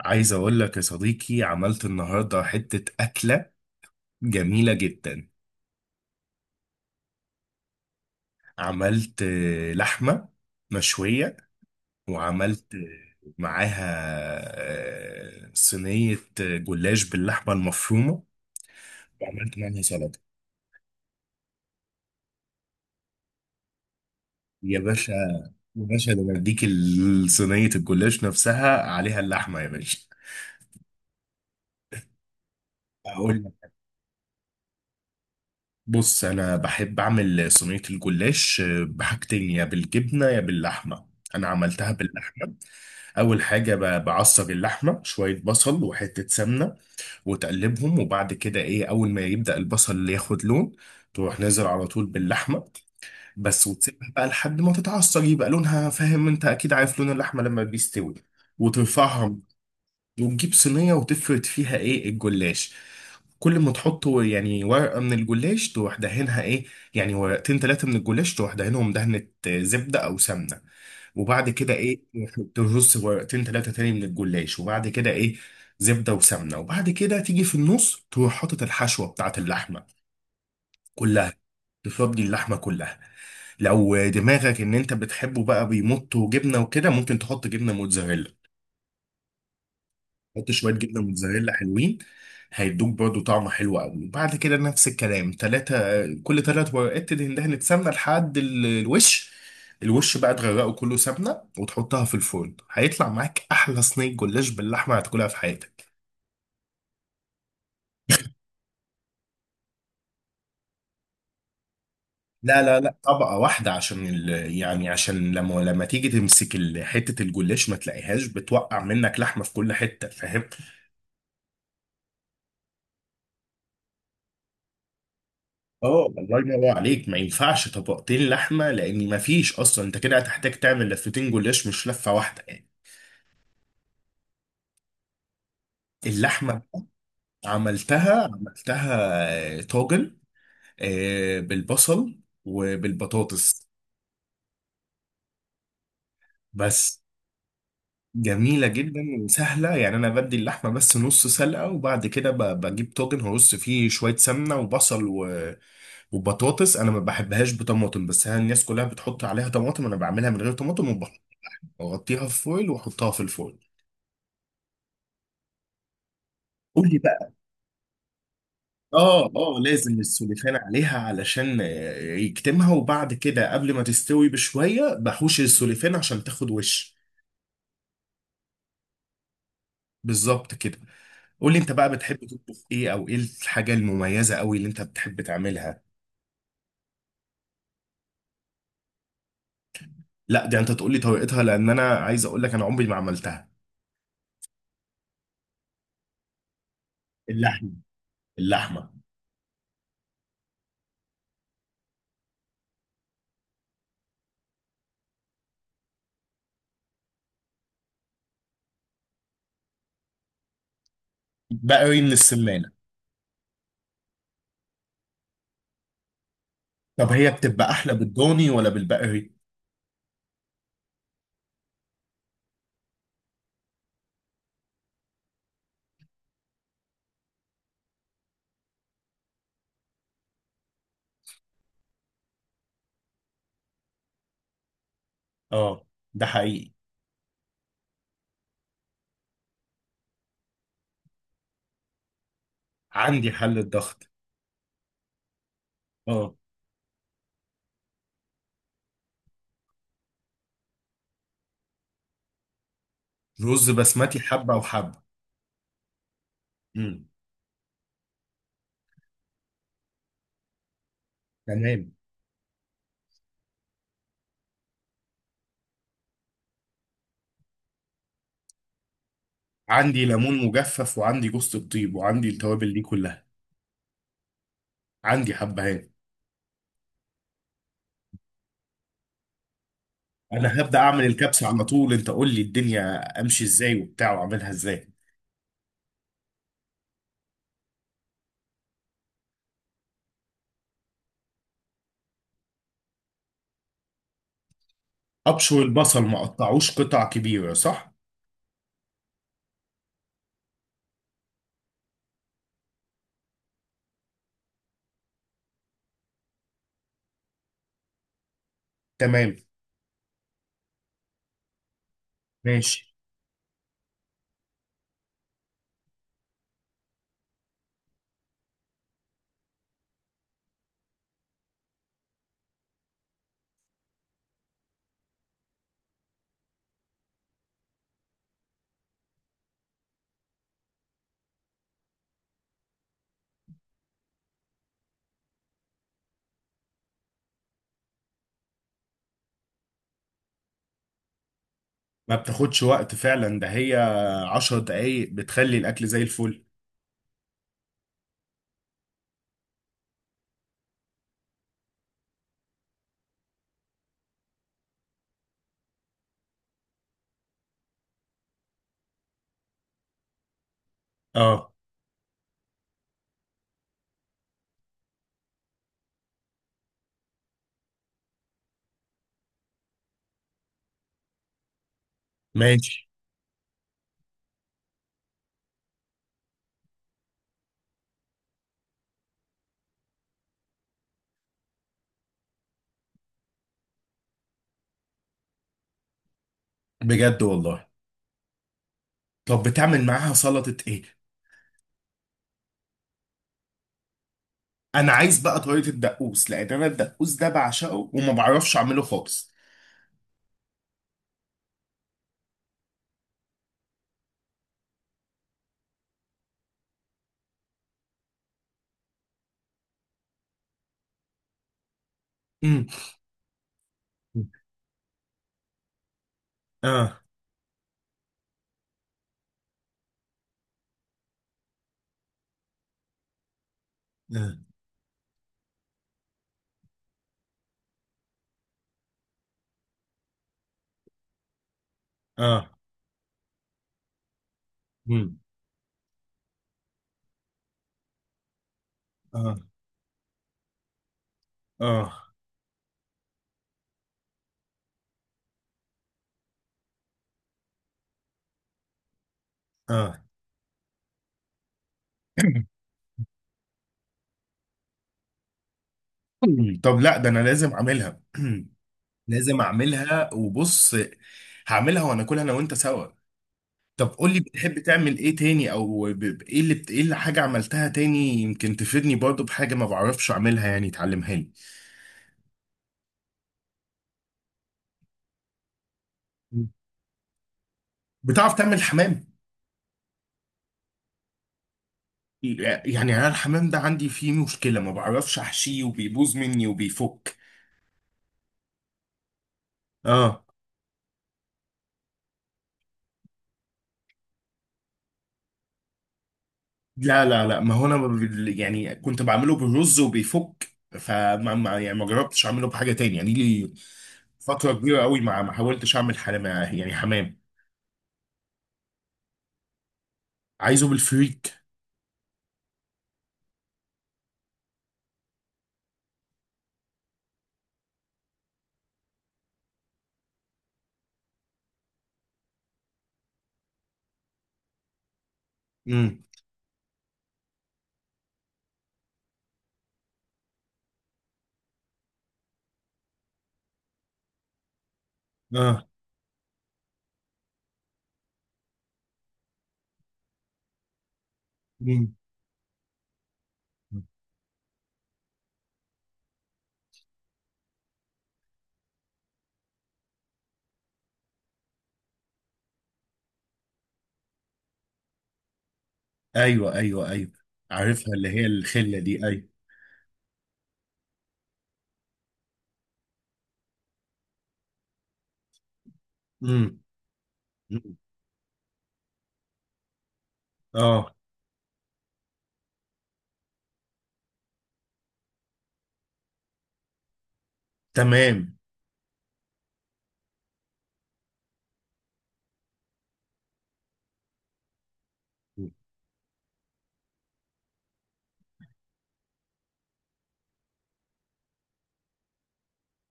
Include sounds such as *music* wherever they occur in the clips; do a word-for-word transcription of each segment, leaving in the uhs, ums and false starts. عايز اقول لك يا صديقي، عملت النهارده حتة أكلة جميلة جدا. عملت آه، لحمة مشوية، وعملت آه، معاها آه، صينية آه، جلاش باللحمة المفرومة، وعملت معاها سلطة. يا باشا، يا باشا، ده انا اديك ال- صينية الجلاش نفسها عليها اللحمة يا باشا. اقول لك، بص انا بحب اعمل صينية الجلاش آه، بحاجتين، يا بالجبنة يا باللحمة. انا عملتها باللحمة. اول حاجه ب- بعصر اللحمه شويه بصل وحته سمنه وتقلبهم، وبعد كده ايه، اول ما يبدا البصل ياخد لون تروح نازل على طول باللحمه بس، وتسيبها بقى لحد ما تتعصر يبقى لونها، فاهم؟ انت اكيد عارف لون اللحمه لما بيستوي، وترفعها، وتجيب صينية وتفرد فيها ايه الجلاش. كل ما تحط يعني ورقة من الجلاش تروح دهنها ايه، يعني ورقتين تلاتة من الجلاش تروح دهنهم دهنة آه، زبدة أو سمنة، وبعد كده ايه ترص ورقتين تلاتة تاني من الجلاش، وبعد كده ايه زبدة وسمنة، وبعد كده تيجي في النص تروح حاطط الحشوة بتاعت اللحمة كلها، تفضي اللحمة كلها. لو دماغك ان انت بتحبه بقى بيمط وجبنة وكده ممكن تحط جبنة موتزاريلا، حط شويه جبنه موتزاريلا حلوين، هيدوك برضو طعمه حلو قوي. وبعد كده نفس الكلام تلاتة، كل تلات ورقات تدهن سمنه لحد ال- الوش. الوش بقى تغرقه كله سمنه وتحطها في الفرن، هيطلع معاك احلى صينيه جلاش باللحمه هتاكلها في حياتك. لا لا لا، طبقه واحده عشان ال... يعني عشان لما لما تيجي تمسك ال- حته الجلاش ما تلاقيهاش بتوقع منك لحمه في كل حته، فاهم؟ اه الله ينور عليك، ما ينفعش طبقتين لحمه لان ما فيش اصلا، انت كده هتحتاج تعمل لفتين جلاش مش لفه واحده يعني. اللحمه عملتها عملتها آه، طاجن آه، بالبصل وبالبطاطس بس. جميله جدا وسهله، يعني انا بدي اللحمه بس نص سلقه، وبعد كده ب- بجيب طاجن هرص فيه شويه سمنه وبصل و- وبطاطس. انا ما بحبهاش بطماطم بس هي الناس كلها بتحط عليها طماطم، انا بعملها من غير طماطم وبحط اغطيها في فويل واحطها في الفرن. قول لي بقى. اه اه، لازم السلوفان عليها علشان آه، يكتمها، وبعد كده قبل ما تستوي بشوية بحوش السلوفان عشان تاخد وش. بالظبط كده. قول لي انت بقى بتحب تطبخ ايه، او ايه الحاجة المميزة قوي اللي انت بتحب تعملها؟ لا دي انت تقول لي طريقتها، لان انا عايز اقول لك انا عمري ما عملتها. اللحمة. اللحمة. بقري من السمانة. طب هي بتبقى احلى بالضاني ولا بالبقري؟ اه، ده حقيقي. عندي حل الضغط. اه. رز بسمتي حبة وحبة. امم تمام. عندي ليمون مجفف وعندي جوزة الطيب وعندي التوابل دي كلها. عندي حبهان. انا هبدأ اعمل الكبسة على طول، انت قول لي الدنيا امشي ازاي وبتاع واعملها ازاي. ابشر. البصل ما اقطعوش قطع كبيرة صح؟ تمام. ماشي. ما بتاخدش وقت فعلا، ده هي عشر دقايق بتخلي الاكل زي الفل. اه. ماشي. بجد والله. طب بتعمل معاها سلطة ايه؟ انا عايز بقى طريقة الدقوس، لان انا الدقوس ده بعشقه وما بعرفش اعمله خالص. امم اه. اه. مم. اه. اه. اه. مم. طب لا، ده انا لازم اعملها. *clears throat* لازم اعملها وبص، هعملها وهناكلها انا وانت سوا. طب قول لي بتحب تعمل ايه تاني، او ب- ب- ايه اللي بت... ايه اللي حاجه عملتها تاني يمكن تفيدني برضو بحاجه ما بعرفش اعملها، يعني تعلمها لي. مم. بتعرف تعمل حمام؟ يعني انا الحمام ده عندي فيه مشكله، ما بعرفش احشيه وبيبوظ مني وبيفك. اه. لا لا لا، ما هو انا ب- يعني كنت بعمله بالرز وبيفك، فما ما يعني ما جربتش اعمله بحاجه تاني يعني لي. فتره كبيره قوي ما ما حاولتش اعمل حمام، يعني حمام. عايزه بالفريك. امم اه. امم ايوه ايوه ايوه، عارفها، اللي هي الخله دي، ايوه. امم اه. تمام.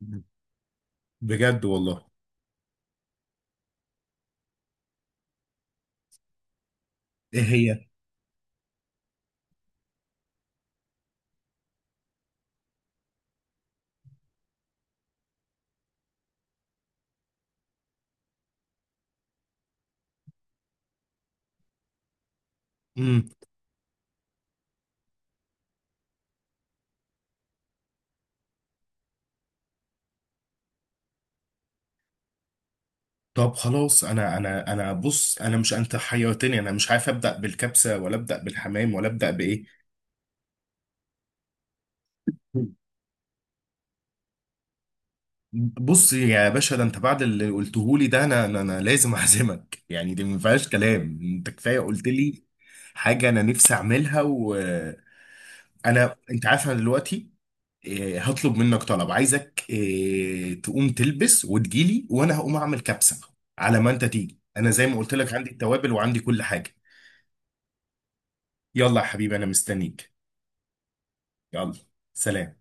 مم. بجد والله. ايه هي؟ امم طب خلاص، انا انا انا بص، انا مش انت حيرتني، انا مش عارف ابدا بالكبسه ولا ابدا بالحمام ولا ابدا بايه. بص يا باشا، ده انت بعد اللي قلته لي ده، انا انا أنا لازم اعزمك يعني، دي ما فيهاش كلام، انت كفايه قلت لي. حاجه انا نفسي اعملها، وانا انت عارف انا دلوقتي إيه، هطلب منك طلب، عايزك إيه، تقوم تلبس وتجيلي، وانا هقوم اعمل كبسه على ما انت تيجي. انا زي ما قلت لك عندي التوابل وعندي كل حاجه. يلا يا حبيبي انا مستنيك. يلا. سلام.